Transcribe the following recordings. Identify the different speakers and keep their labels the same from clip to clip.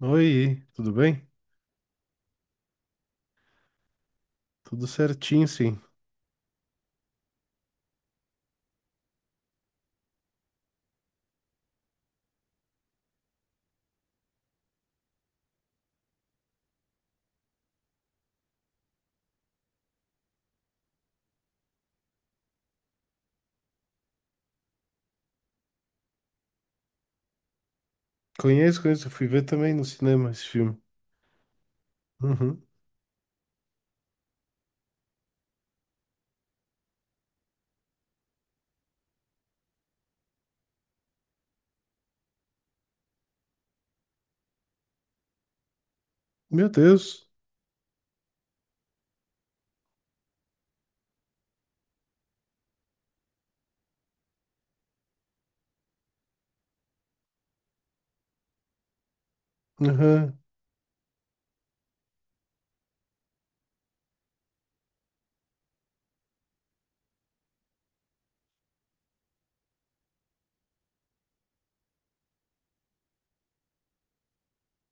Speaker 1: Oi, tudo bem? Tudo certinho, sim. Conheço, conheço. Eu fui ver também no cinema esse filme. Uhum. Meu Deus. Uhum.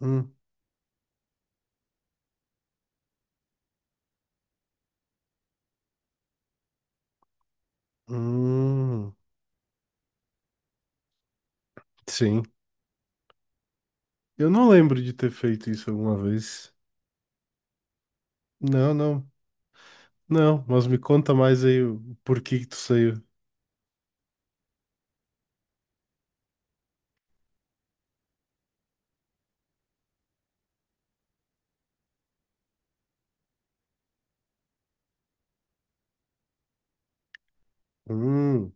Speaker 1: Hum. Hum. Sim. Eu não lembro de ter feito isso alguma vez. Não, não. Não, mas me conta mais aí o porquê que tu saiu. Hum.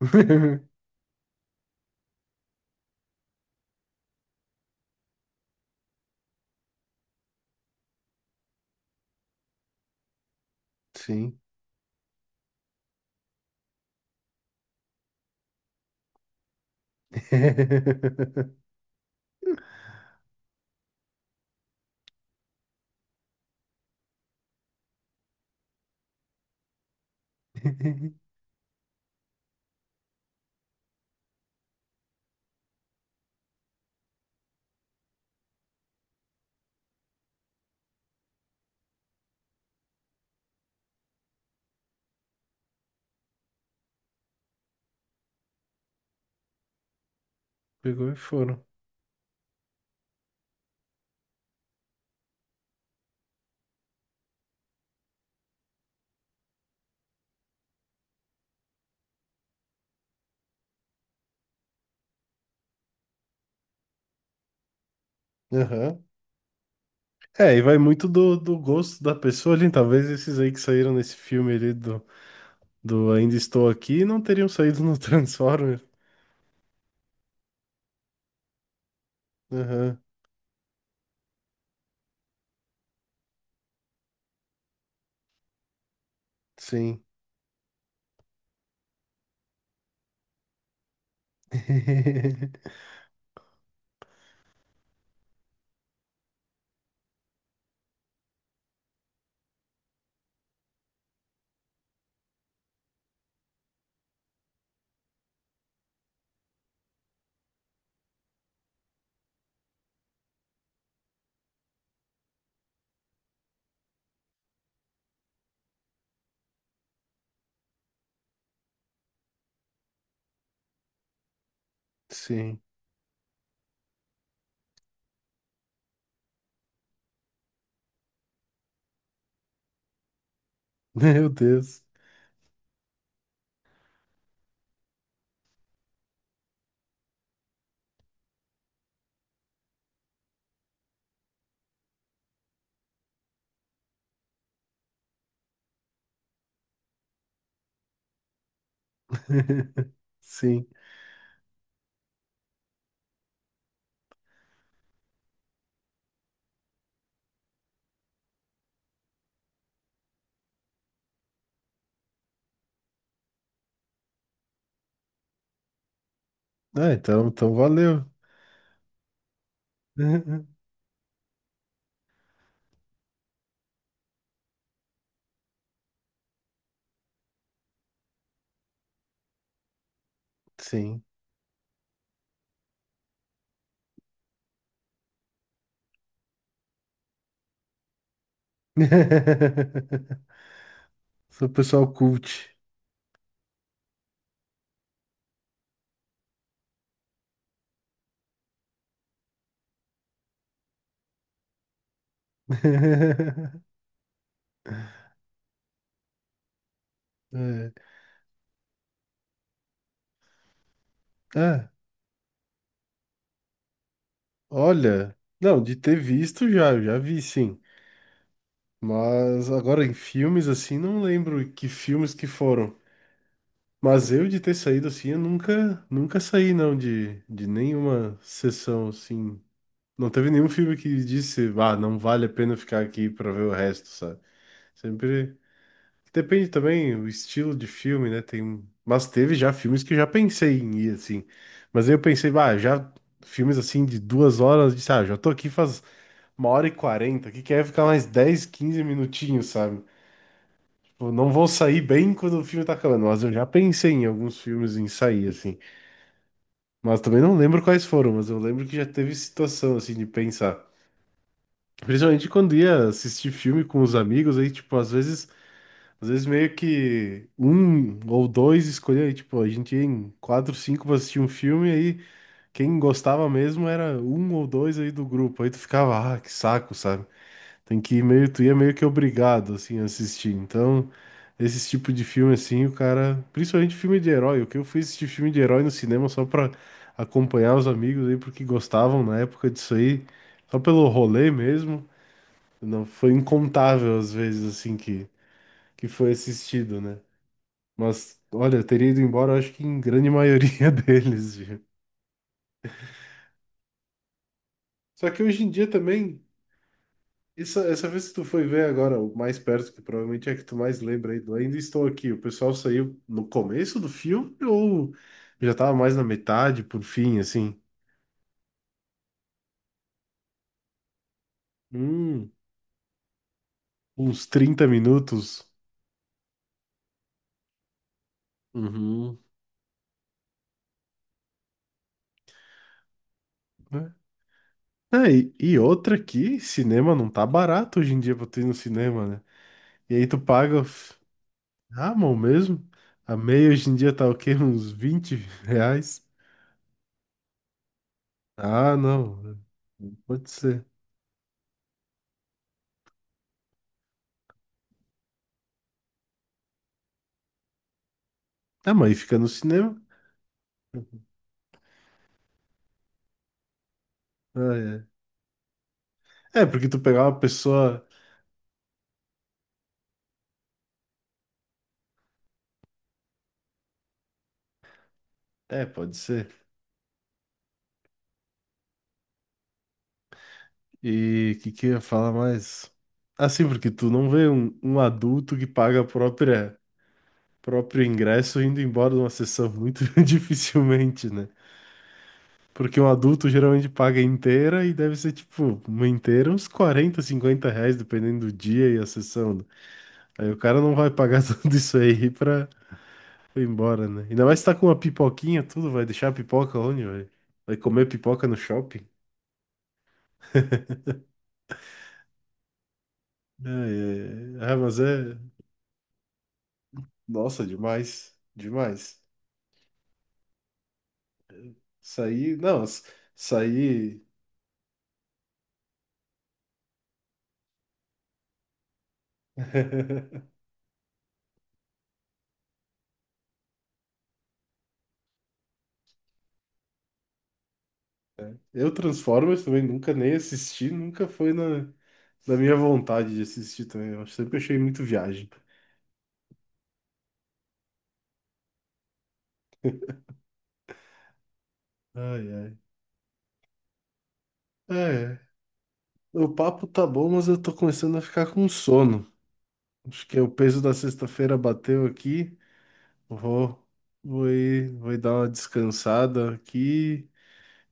Speaker 1: Sim. Pegou e foram. Aham. É, e vai muito do gosto da pessoa ali. Talvez esses aí que saíram nesse filme ali do do Ainda Estou Aqui não teriam saído no Transformers. Aham, sim. Sim. Meu Deus. Sim. Ah, então, então valeu. Sim. Sou pessoal cult. É. Ah, olha. Não, de ter visto já, eu já vi sim. Mas agora em filmes assim, não lembro que filmes que foram. Mas eu de ter saído assim, eu nunca, nunca saí não de, de nenhuma sessão assim. Não teve nenhum filme que disse, ah, não vale a pena ficar aqui pra ver o resto, sabe? Sempre depende também o estilo de filme, né? Tem, mas teve já filmes que eu já pensei em ir assim. Mas aí eu pensei, ah, já filmes assim de 2 horas, de, ah, já tô aqui faz 1h40, que quer ficar mais 10 15 minutinhos, sabe? Tipo, não vou sair bem quando o filme tá acabando, mas eu já pensei em alguns filmes em sair, assim. Mas também não lembro quais foram, mas eu lembro que já teve situação assim de pensar. Principalmente quando ia assistir filme com os amigos, aí, tipo, às vezes meio que um ou dois escolhia, aí, tipo, a gente ia em quatro, cinco pra assistir um filme, aí quem gostava mesmo era um ou dois aí do grupo. Aí tu ficava, ah, que saco, sabe? Tem que ir meio, tu ia meio que obrigado, assim, a assistir. Então, esse tipo de filme, assim, o cara, principalmente filme de herói, o que eu fui assistir filme de herói no cinema só pra acompanhar os amigos aí, porque gostavam na época disso aí, só pelo rolê mesmo, não foi incontável as vezes, assim, que foi assistido, né? Mas, olha, eu teria ido embora, eu acho que em grande maioria deles, viu? Só que hoje em dia também. Isso, essa vez que tu foi ver agora, o mais perto, que provavelmente é que tu mais lembra aí do Ainda Estou Aqui, o pessoal saiu no começo do filme ou já tava mais na metade, por fim, assim? Hum, uns 30 minutos. Uhum. Né? Ah, e outra que cinema não tá barato hoje em dia pra tu ir no cinema, né? E aí tu paga, ah, mão mesmo? A meia hoje em dia tá o quê? Uns R$ 20? Ah, não, não pode ser. Ah, mas aí fica no cinema? Ah, é. É, porque tu pegar uma pessoa. É, pode ser. E o que, que eu ia falar mais? Assim, porque tu não vê um, um adulto que paga a própria, próprio ingresso indo embora de uma sessão muito dificilmente, né? Porque um adulto geralmente paga inteira e deve ser tipo, uma inteira, uns R$ 40, 50, dependendo do dia e a sessão. Né? Aí o cara não vai pagar tudo isso aí pra ir embora, né? Ainda mais se tá com uma pipoquinha, tudo, vai deixar a pipoca onde, velho? Vai comer pipoca no shopping? É, é, ah, mas é. Nossa, demais. Demais. Isso aí. Não, isso isso aí. Eu Transformers também nunca nem assisti, nunca foi na, na minha vontade de assistir também. Eu sempre achei muito viagem. Ai, ai. É, o papo tá bom, mas eu tô começando a ficar com sono. Acho que é o peso da sexta-feira bateu aqui. Vou, vou ir dar uma descansada aqui.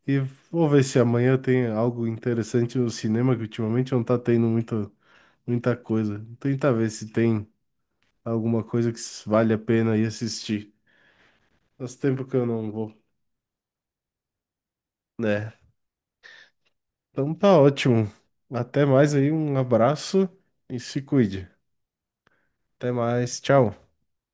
Speaker 1: E vou ver se amanhã tem algo interessante no cinema, que ultimamente não tá tendo muita coisa. Tentar ver se tem alguma coisa que vale a pena ir assistir. Faz tempo que eu não vou, né? Então tá ótimo. Até mais aí, um abraço e se cuide. Até mais, tchau.